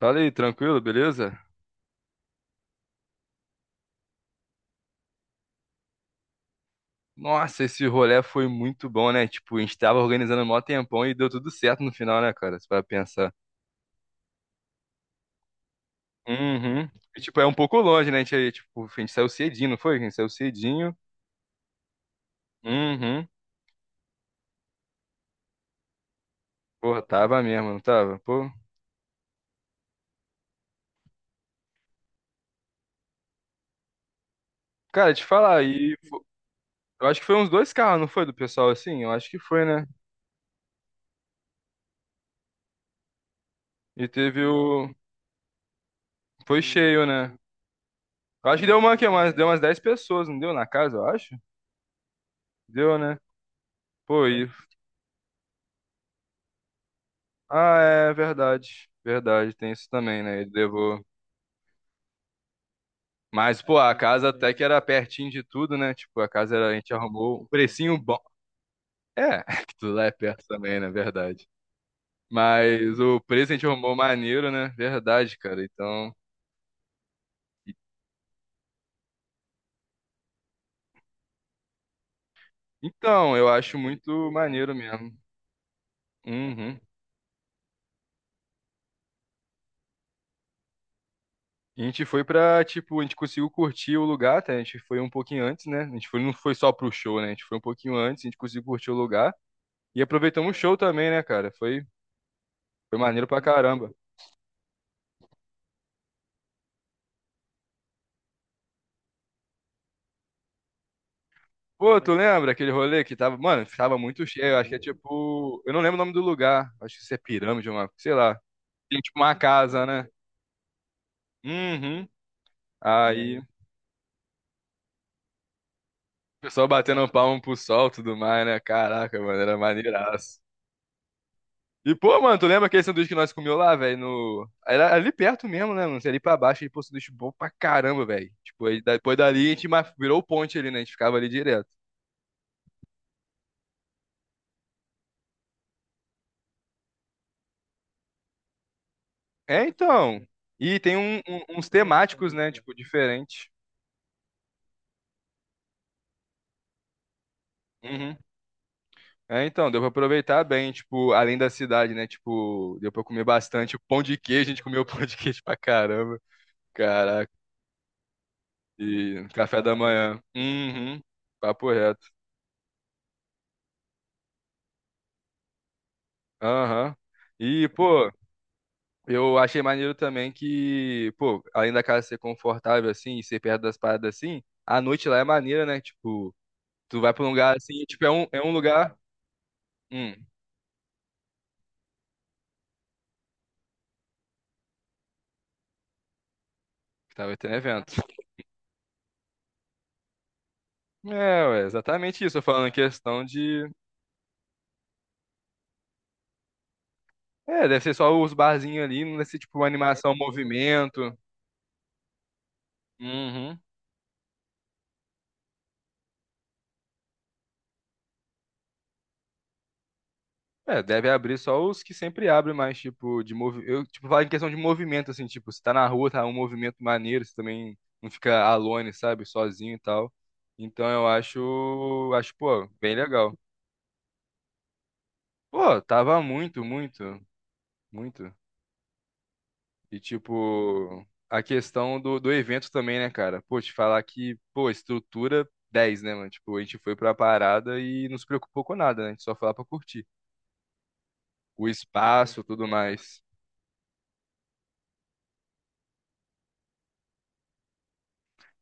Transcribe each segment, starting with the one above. Fala aí, tranquilo, beleza? Nossa, esse rolê foi muito bom, né? Tipo, a gente tava organizando um maior tempão e deu tudo certo no final, né, cara? Você vai pensar. Uhum. E, tipo, é um pouco longe, né? A gente saiu cedinho, não foi? A gente saiu cedinho. Uhum. Porra, tava mesmo, não tava? Pô. Cara, te falar, e eu acho que foi uns dois carros, não foi? Do pessoal assim? Eu acho que foi, né? E teve o. Foi cheio, né? Eu acho que deu umas 10 pessoas, não deu na casa, eu acho? Deu, né? Pô, ah, é verdade. Verdade, tem isso também, né? Ele levou. Mas, pô, a casa até que era pertinho de tudo, né? Tipo, a gente arrumou um precinho bom. É, que tudo lá é perto também, né? Verdade. Mas o preço a gente arrumou maneiro, né? Verdade, cara. Então, eu acho muito maneiro mesmo. Uhum. A gente foi pra, tipo, a gente conseguiu curtir o lugar, até. A gente foi um pouquinho antes, né? A gente foi, não foi só pro show, né? A gente foi um pouquinho antes, a gente conseguiu curtir o lugar. E aproveitamos o show também, né, cara? Foi maneiro pra caramba. Pô, tu lembra aquele rolê que tava, mano, tava muito cheio, acho que é tipo, eu não lembro o nome do lugar, acho que isso é pirâmide, uma, sei lá, tem tipo uma casa, né? Uhum. Aí, o pessoal batendo palmo pro sol e tudo mais, né? Caraca, mano, era maneiraço. E, pô, mano, tu lembra aquele sanduíche que nós comeu lá, velho, no... era ali perto mesmo, né, mano, você ali pra baixo, aí, pô, sanduíche bom pra caramba, velho. Tipo, aí, depois dali a gente virou ponte ali, né, a gente ficava ali direto. É, então, e tem uns temáticos, né, tipo, diferente. Uhum. É, então, deu pra aproveitar bem, tipo, além da cidade, né? Tipo, deu pra comer bastante. O pão de queijo, a gente comeu pão de queijo pra caramba. Caraca. E café da manhã. Uhum. Papo reto. Aham. E, pô, eu achei maneiro também que, pô, além da casa ser confortável, assim, e ser perto das paradas assim, a noite lá é maneira, né? Tipo, tu vai pra um lugar assim, tipo, é um lugar. Hum, que tava tendo evento. É, ué, exatamente isso. Eu falando em questão de. É, deve ser só os barzinhos ali, não deve ser tipo uma animação, um movimento. Uhum. É, deve abrir só os que sempre abrem mais, tipo, eu, tipo, falo em questão de movimento, assim, tipo, se tá na rua, tá um movimento maneiro, você também não fica alone, sabe, sozinho e tal. Então eu acho, pô, bem legal. Pô, tava muito, muito, muito. E, tipo, a questão do evento também, né, cara? Pô, te falar que, pô, estrutura dez, né, mano? Tipo, a gente foi pra parada e não se preocupou com nada, né? A gente só foi lá pra curtir. O espaço, tudo mais.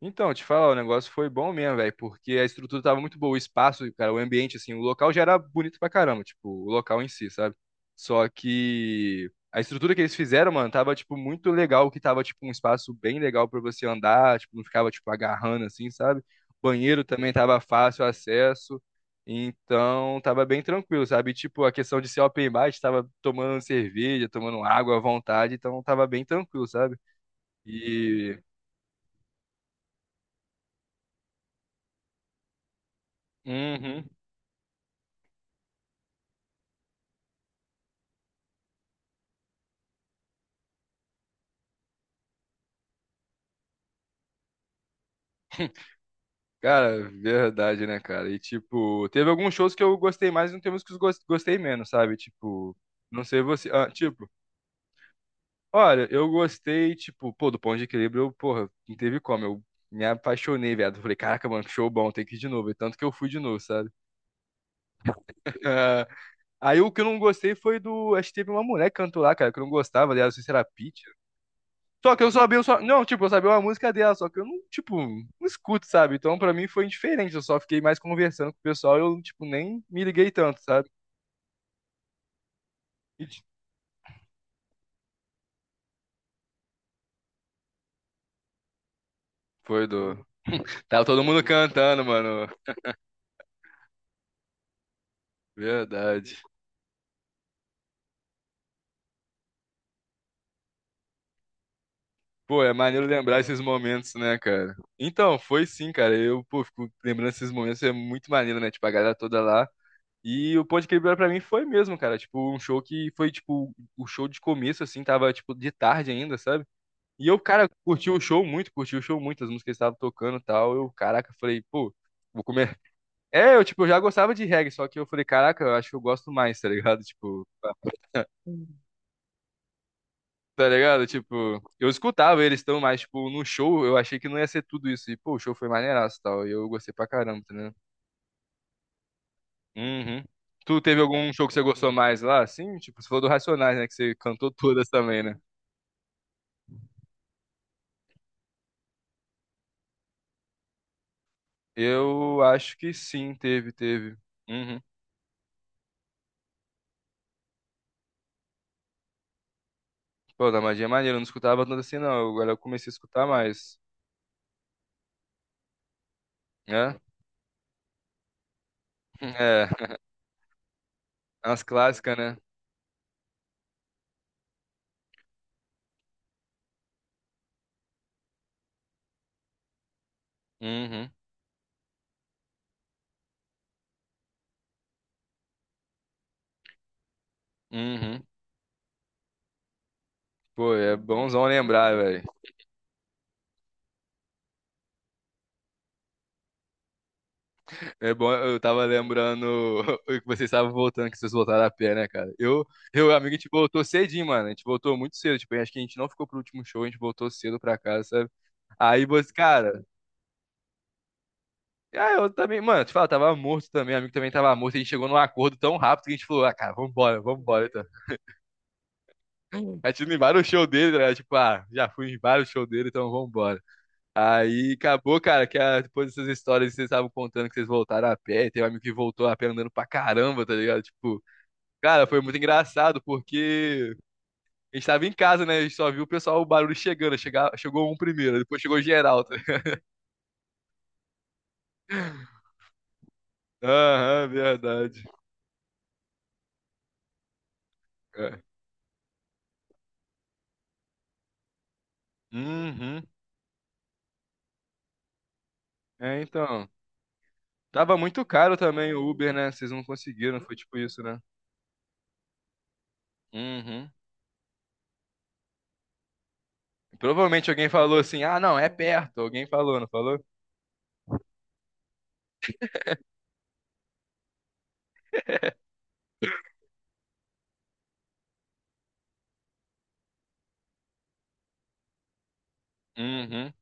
Então, te falar, o negócio foi bom mesmo, velho, porque a estrutura tava muito boa, o espaço, cara, o ambiente, assim, o local já era bonito pra caramba, tipo, o local em si, sabe? Só que a estrutura que eles fizeram, mano, tava, tipo, muito legal, que tava, tipo, um espaço bem legal pra você andar, tipo, não ficava, tipo, agarrando, assim, sabe? Banheiro também tava fácil acesso, então tava bem tranquilo, sabe? E, tipo, a questão de ser open bar, a gente tava tomando cerveja, tomando água à vontade, então tava bem tranquilo, sabe? E... Uhum. Cara, verdade, né, cara? E, tipo, teve alguns shows que eu gostei mais e não teve uns que eu gostei menos, sabe? Tipo, não sei você. Ah, tipo, olha, eu gostei, tipo, pô, do Ponto de Equilíbrio, eu, porra, não teve como. Eu me apaixonei, viado. Falei, caraca, mano, que show bom, tem que ir de novo. E tanto que eu fui de novo, sabe? Ah, aí o que eu não gostei foi do. Acho que teve uma mulher que cantou lá, cara, que eu não gostava, aliás, não sei se era Pitty. Só que eu sabia, eu só... não, tipo, eu sabia uma música dela, só que eu não, tipo, não escuto, sabe? Então, pra mim foi indiferente, eu só fiquei mais conversando com o pessoal, eu, tipo, nem me liguei tanto, sabe? E, tipo, foi do. Tava todo mundo cantando, mano. Verdade. Pô, é maneiro lembrar esses momentos, né, cara? Então, foi sim, cara. Eu, pô, fico lembrando esses momentos, é muito maneiro, né? Tipo, a galera toda lá. E o Ponte Quebrada pra mim foi mesmo, cara. Tipo, um show que foi, tipo, o show de começo, assim, tava, tipo, de tarde ainda, sabe? E eu, cara, curti o show muito, curti o show muito, as músicas que eles estavam tocando e tal. Eu, caraca, falei, pô, vou comer. É, eu, tipo, eu já gostava de reggae, só que eu falei, caraca, eu acho que eu gosto mais, tá ligado? Tipo, tá ligado? Tipo, eu escutava eles tão, mas, tipo, no show eu achei que não ia ser tudo isso. E, pô, o show foi maneiraço e tal. E eu gostei pra caramba, tá ligado? Uhum. Tu teve algum show que você gostou mais lá? Sim, tipo, você falou do Racionais, né? Que você cantou todas também, né? Eu acho que sim, teve, teve. Uhum. Pô, da magia é maneiro, eu não escutava tanto assim, não. Agora eu comecei a escutar mais, né? É, as clássicas, né? Uhum, uhum. Pô, é bonzão lembrar, velho. É bom, eu tava lembrando que vocês estavam voltando, que vocês voltaram a pé, né, cara? Eu, e o amigo, a gente voltou cedinho, mano. A gente voltou muito cedo, tipo, acho que a gente não ficou pro último show, a gente voltou cedo pra casa, sabe? Aí você, cara, ah, eu também, mano, te falo, tava morto também, o amigo também tava morto, a gente chegou num acordo tão rápido que a gente falou, ah, cara, vambora, vambora, então. A gente indo em vários shows dele, né? Tipo, ah, já fui em vários shows dele, então vambora. Aí acabou, cara, que ah, depois dessas histórias que vocês estavam contando que vocês voltaram a pé, tem um amigo que voltou a pé andando pra caramba, tá ligado? Tipo, cara, foi muito engraçado, porque a gente tava em casa, né? A gente só viu o pessoal, o barulho chegando. Chegou um primeiro, depois chegou geral, tá ligado? Aham, verdade. É. Uhum. É, então. Tava muito caro também o Uber, né? Vocês não conseguiram, foi tipo isso, né? Uhum. Provavelmente alguém falou assim, ah, não, é perto. Alguém falou, não falou? Uhum.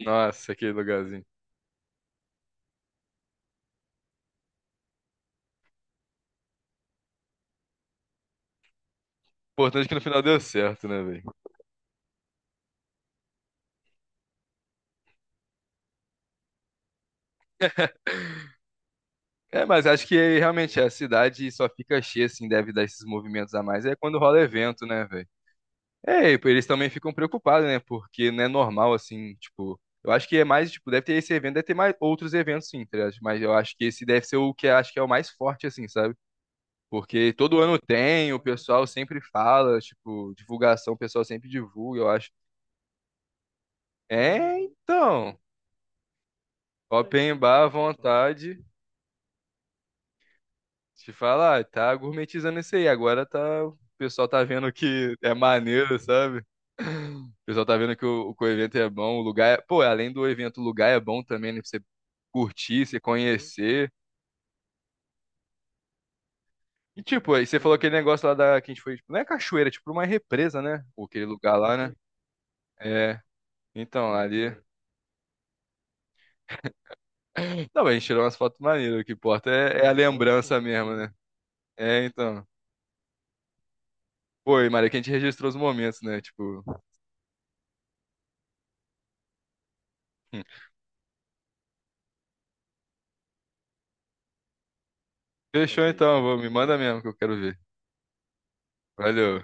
Nossa, aquele lugarzinho. Importante que no final deu certo, né, velho? É, mas acho que realmente a cidade só fica cheia, assim, deve dar esses movimentos a mais. É quando rola evento, né, velho? É, e eles também ficam preocupados, né? Porque não é normal, assim, tipo. Eu acho que é mais, tipo, deve ter esse evento, deve ter mais outros eventos, sim, tá ligado? Mas eu acho que esse deve ser o que eu acho que é o mais forte, assim, sabe? Porque todo ano tem, o pessoal sempre fala, tipo, divulgação, o pessoal sempre divulga, eu acho. É, então, open bar à vontade, te falar, tá gourmetizando isso aí, agora tá, o pessoal tá vendo que é maneiro, sabe? O pessoal tá vendo que o evento é bom, o lugar é, pô, além do evento, o lugar é bom também, né, pra você curtir, você conhecer. E tipo, aí você falou aquele negócio lá da, que a gente foi, tipo, não é cachoeira, é tipo uma represa, né? Ou aquele lugar lá, né? É, então, ali... Não, mas a gente tirou umas fotos maneiras, o que importa é a lembrança mesmo, né? É, então. Foi Maria, que a gente registrou os momentos, né? Tipo, fechou então, vou, me manda mesmo que eu quero ver. Valeu.